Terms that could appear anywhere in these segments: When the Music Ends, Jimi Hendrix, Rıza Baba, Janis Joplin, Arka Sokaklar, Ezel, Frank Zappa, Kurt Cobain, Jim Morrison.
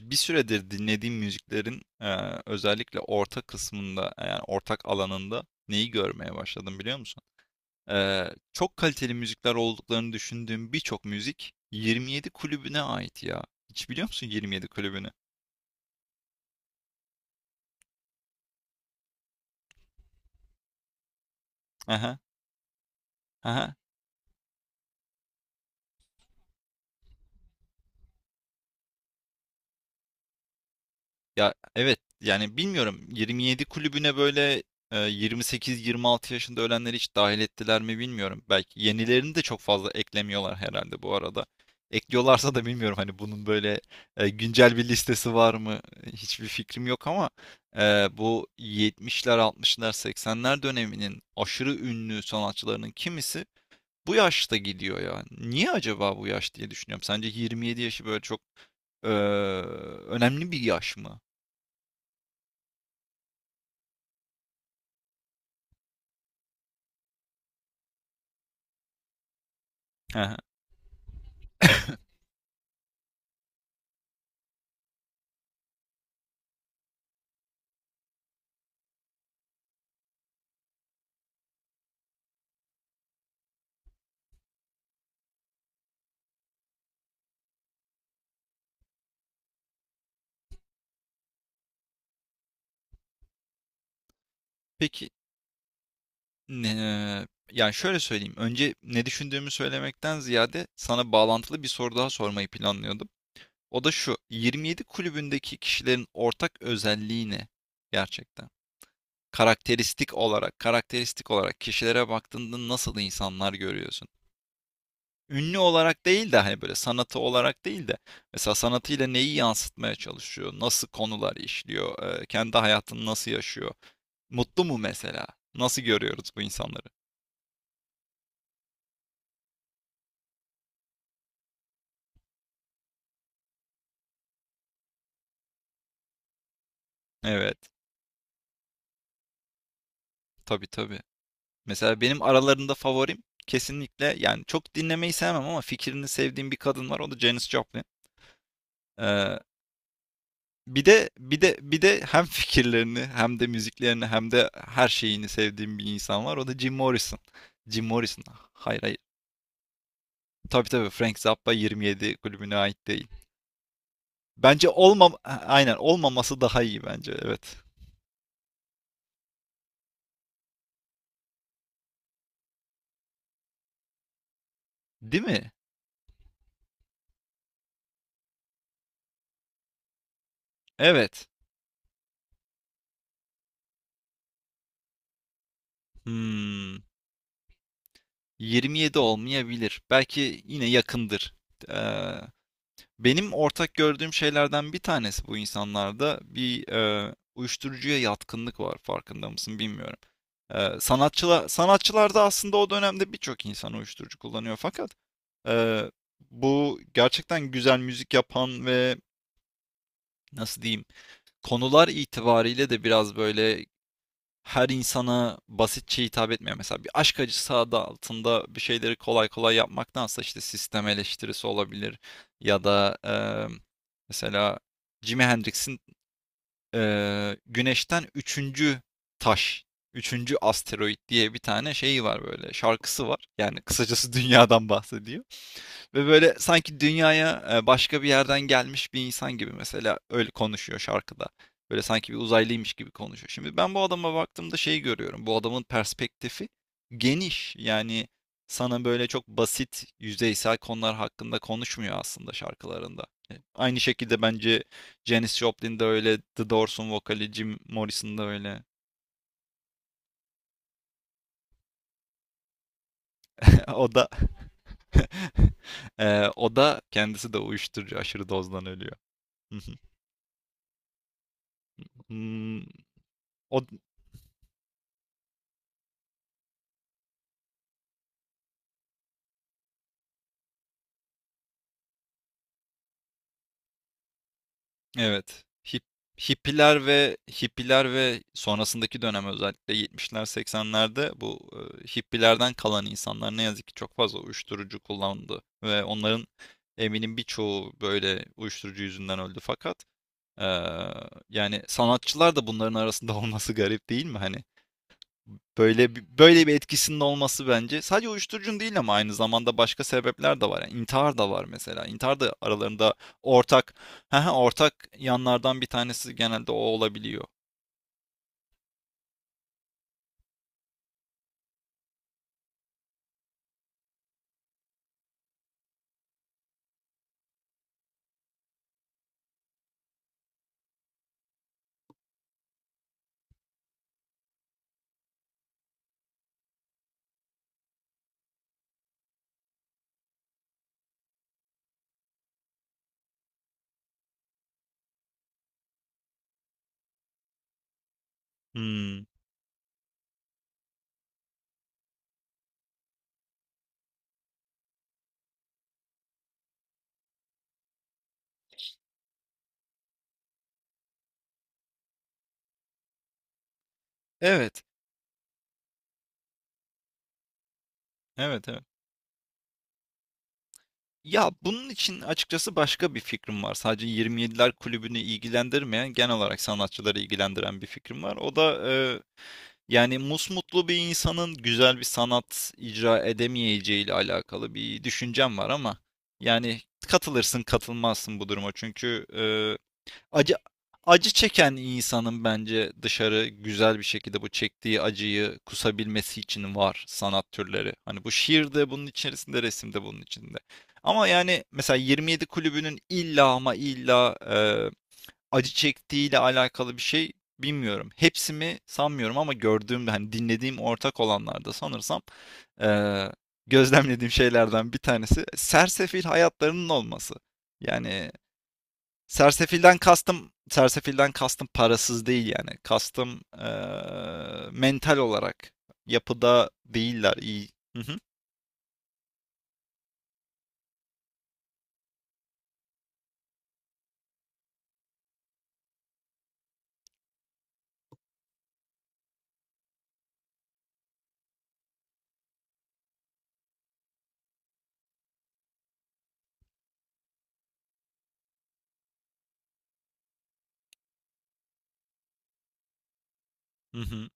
Bir süredir dinlediğim müziklerin özellikle orta kısmında yani ortak alanında neyi görmeye başladım biliyor musun? Çok kaliteli müzikler olduklarını düşündüğüm birçok müzik 27 kulübüne ait ya. Hiç biliyor musun 27 kulübünü? Aha, aha. Ya evet yani bilmiyorum 27 kulübüne böyle 28-26 yaşında ölenleri hiç dahil ettiler mi bilmiyorum. Belki yenilerini de çok fazla eklemiyorlar herhalde bu arada. Ekliyorlarsa da bilmiyorum hani bunun böyle güncel bir listesi var mı hiçbir fikrim yok ama e, bu 70'ler 60'lar 80'ler döneminin aşırı ünlü sanatçılarının kimisi bu yaşta gidiyor ya. Niye acaba bu yaş diye düşünüyorum. Sence 27 yaşı böyle çok e, önemli bir yaş mı? Hı. Peki, yani, şöyle söyleyeyim, önce ne düşündüğümü söylemekten ziyade sana bağlantılı bir soru daha sormayı planlıyordum. O da şu, 27 kulübündeki kişilerin ortak özelliği ne gerçekten? Karakteristik olarak, kişilere baktığında nasıl insanlar görüyorsun? Ünlü olarak değil de, hani, böyle sanatı olarak değil de mesela sanatıyla neyi yansıtmaya çalışıyor? Nasıl konular işliyor? Kendi hayatını nasıl yaşıyor? Mutlu mu mesela? Nasıl görüyoruz bu insanları? Evet. Tabii tabii. Mesela benim aralarında favorim kesinlikle yani çok dinlemeyi sevmem ama fikrini sevdiğim bir kadın var. O da Janis Joplin. Ee, bir de hem fikirlerini hem de müziklerini hem de her şeyini sevdiğim bir insan var. O da Jim Morrison. Jim Morrison. Ah, hayır hayır. Tabii tabii Frank Zappa 27 kulübüne ait değil. Bence aynen olmaması daha iyi bence. Evet. Değil mi? Evet. Hmm. 27 olmayabilir. Belki yine yakındır. Ee, Benim ortak gördüğüm şeylerden bir tanesi bu insanlarda bir uyuşturucuya yatkınlık var. Farkında mısın bilmiyorum. Sanatçılarda aslında o dönemde birçok insan uyuşturucu kullanıyor fakat e, bu gerçekten güzel müzik yapan ve nasıl diyeyim konular itibariyle de biraz böyle her insana basitçe hitap etmiyor. Mesela bir aşk acısı adı altında bir şeyleri kolay kolay yapmaktansa işte sistem eleştirisi olabilir ya da mesela Jimi Hendrix'in Güneş'ten üçüncü taş, üçüncü asteroid diye bir tane şeyi var, böyle şarkısı var. Yani kısacası dünyadan bahsediyor. Ve böyle sanki dünyaya başka bir yerden gelmiş bir insan gibi mesela öyle konuşuyor şarkıda. Böyle sanki bir uzaylıymış gibi konuşuyor. Şimdi ben bu adama baktığımda şeyi görüyorum. Bu adamın perspektifi geniş. Yani sana böyle çok basit, yüzeysel konular hakkında konuşmuyor aslında şarkılarında. Aynı şekilde bence Janis Joplin de öyle, The Doors'un vokali Jim Morrison da öyle. O da. O da kendisi de uyuşturucu aşırı dozdan ölüyor. O. Evet. Hip hippiler ve hippiler ve sonrasındaki dönem özellikle 70'ler 80'lerde bu hippilerden kalan insanlar ne yazık ki çok fazla uyuşturucu kullandı ve onların eminim birçoğu böyle uyuşturucu yüzünden öldü fakat eee, yani sanatçılar da bunların arasında olması garip değil mi? Hani. Böyle bir etkisinin olması bence sadece uyuşturucun değil ama aynı zamanda başka sebepler de var. Yani intihar da var mesela. İntihar da aralarında ortak. Hı hı. Ortak yanlardan bir tanesi genelde o olabiliyor. Hmm. Evet. Evet, evet. Ya bunun için açıkçası başka bir fikrim var. Sadece 27'ler kulübünü ilgilendirmeyen, genel olarak sanatçıları ilgilendiren bir fikrim var. O da yani musmutlu bir insanın güzel bir sanat icra edemeyeceği ile alakalı bir düşüncem var ama yani katılırsın katılmazsın bu duruma. Çünkü acı acı çeken insanın bence dışarı güzel bir şekilde bu çektiği acıyı kusabilmesi için var sanat türleri. Hani bu şiir de bunun içerisinde, resim de bunun içinde. Ama yani mesela 27 kulübünün illa ama illa acı çektiğiyle alakalı bir şey bilmiyorum. Hepsi mi sanmıyorum ama gördüğüm hani dinlediğim ortak olanlarda sanırsam eee, gözlemlediğim şeylerden bir tanesi sersefil hayatlarının olması. Yani sersefilden kastım parasız değil yani. Kastım mental olarak yapıda değiller iyi. Hı hı, hı hı.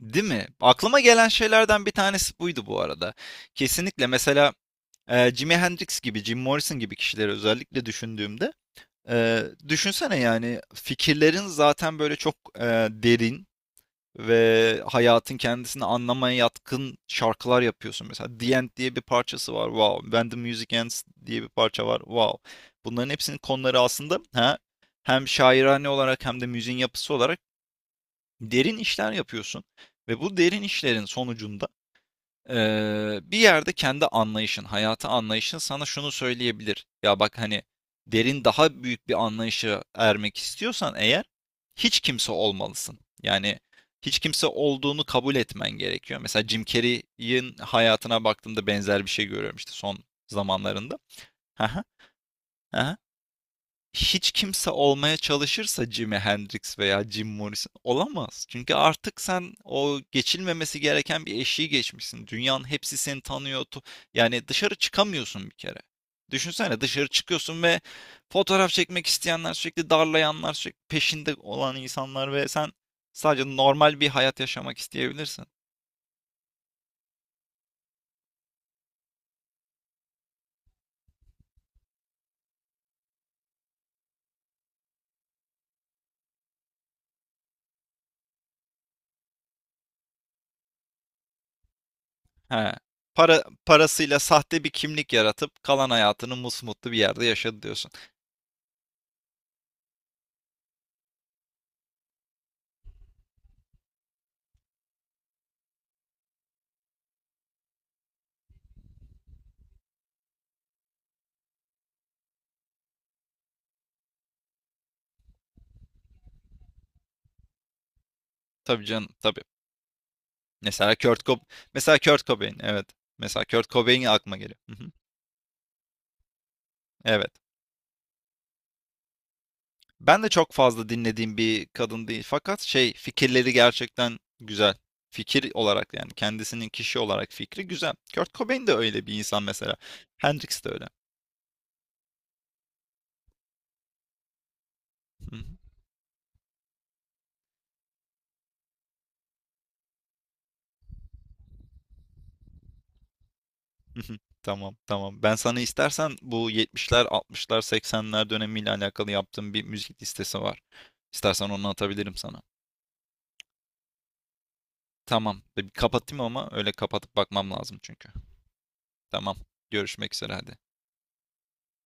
Değil mi? Aklıma gelen şeylerden bir tanesi buydu bu arada. Kesinlikle mesela. Jimi Hendrix gibi, Jim Morrison gibi kişileri özellikle düşündüğümde düşünsene yani fikirlerin zaten böyle çok derin ve hayatın kendisini anlamaya yatkın şarkılar yapıyorsun. Mesela The End diye bir parçası var. Wow. When the Music Ends diye bir parça var. Wow. Bunların hepsinin konuları aslında, hem şairane olarak hem de müziğin yapısı olarak derin işler yapıyorsun. Ve bu derin işlerin sonucunda bir yerde kendi anlayışın, hayata anlayışın sana şunu söyleyebilir. Ya bak hani derin daha büyük bir anlayışa ermek istiyorsan eğer hiç kimse olmalısın. Yani hiç kimse olduğunu kabul etmen gerekiyor. Mesela Jim Carrey'in hayatına baktığımda benzer bir şey görüyorum işte son zamanlarında. Hiç kimse olmaya çalışırsa Jimi Hendrix veya Jim Morrison olamaz. Çünkü artık sen o geçilmemesi gereken bir eşiği geçmişsin. Dünyanın hepsi seni tanıyor. Yani dışarı çıkamıyorsun bir kere. Düşünsene dışarı çıkıyorsun ve fotoğraf çekmek isteyenler sürekli darlayanlar sürekli peşinde olan insanlar ve sen sadece normal bir hayat yaşamak isteyebilirsin. He. Parasıyla sahte bir kimlik yaratıp kalan hayatını musmutlu bir yerde yaşadı diyorsun. Tabii canım tabii. Mesela Kurt Cob mesela Kurt Cobain, evet. Mesela Kurt Cobain aklıma geliyor. Hı hı. Evet. Ben de çok fazla dinlediğim bir kadın değil fakat şey, fikirleri gerçekten güzel. Fikir olarak yani kendisinin kişi olarak fikri güzel. Kurt Cobain de öyle bir insan mesela. Hendrix de öyle. Hı hı. Hı hı. Tamam, tamam. Ben sana istersen bu 70'ler, 60'lar, 80'ler dönemiyle alakalı yaptığım bir müzik listesi var. İstersen onu atabilirim sana. Tamam. Bir kapatayım ama öyle kapatıp bakmam lazım çünkü. Tamam. Görüşmek üzere hadi.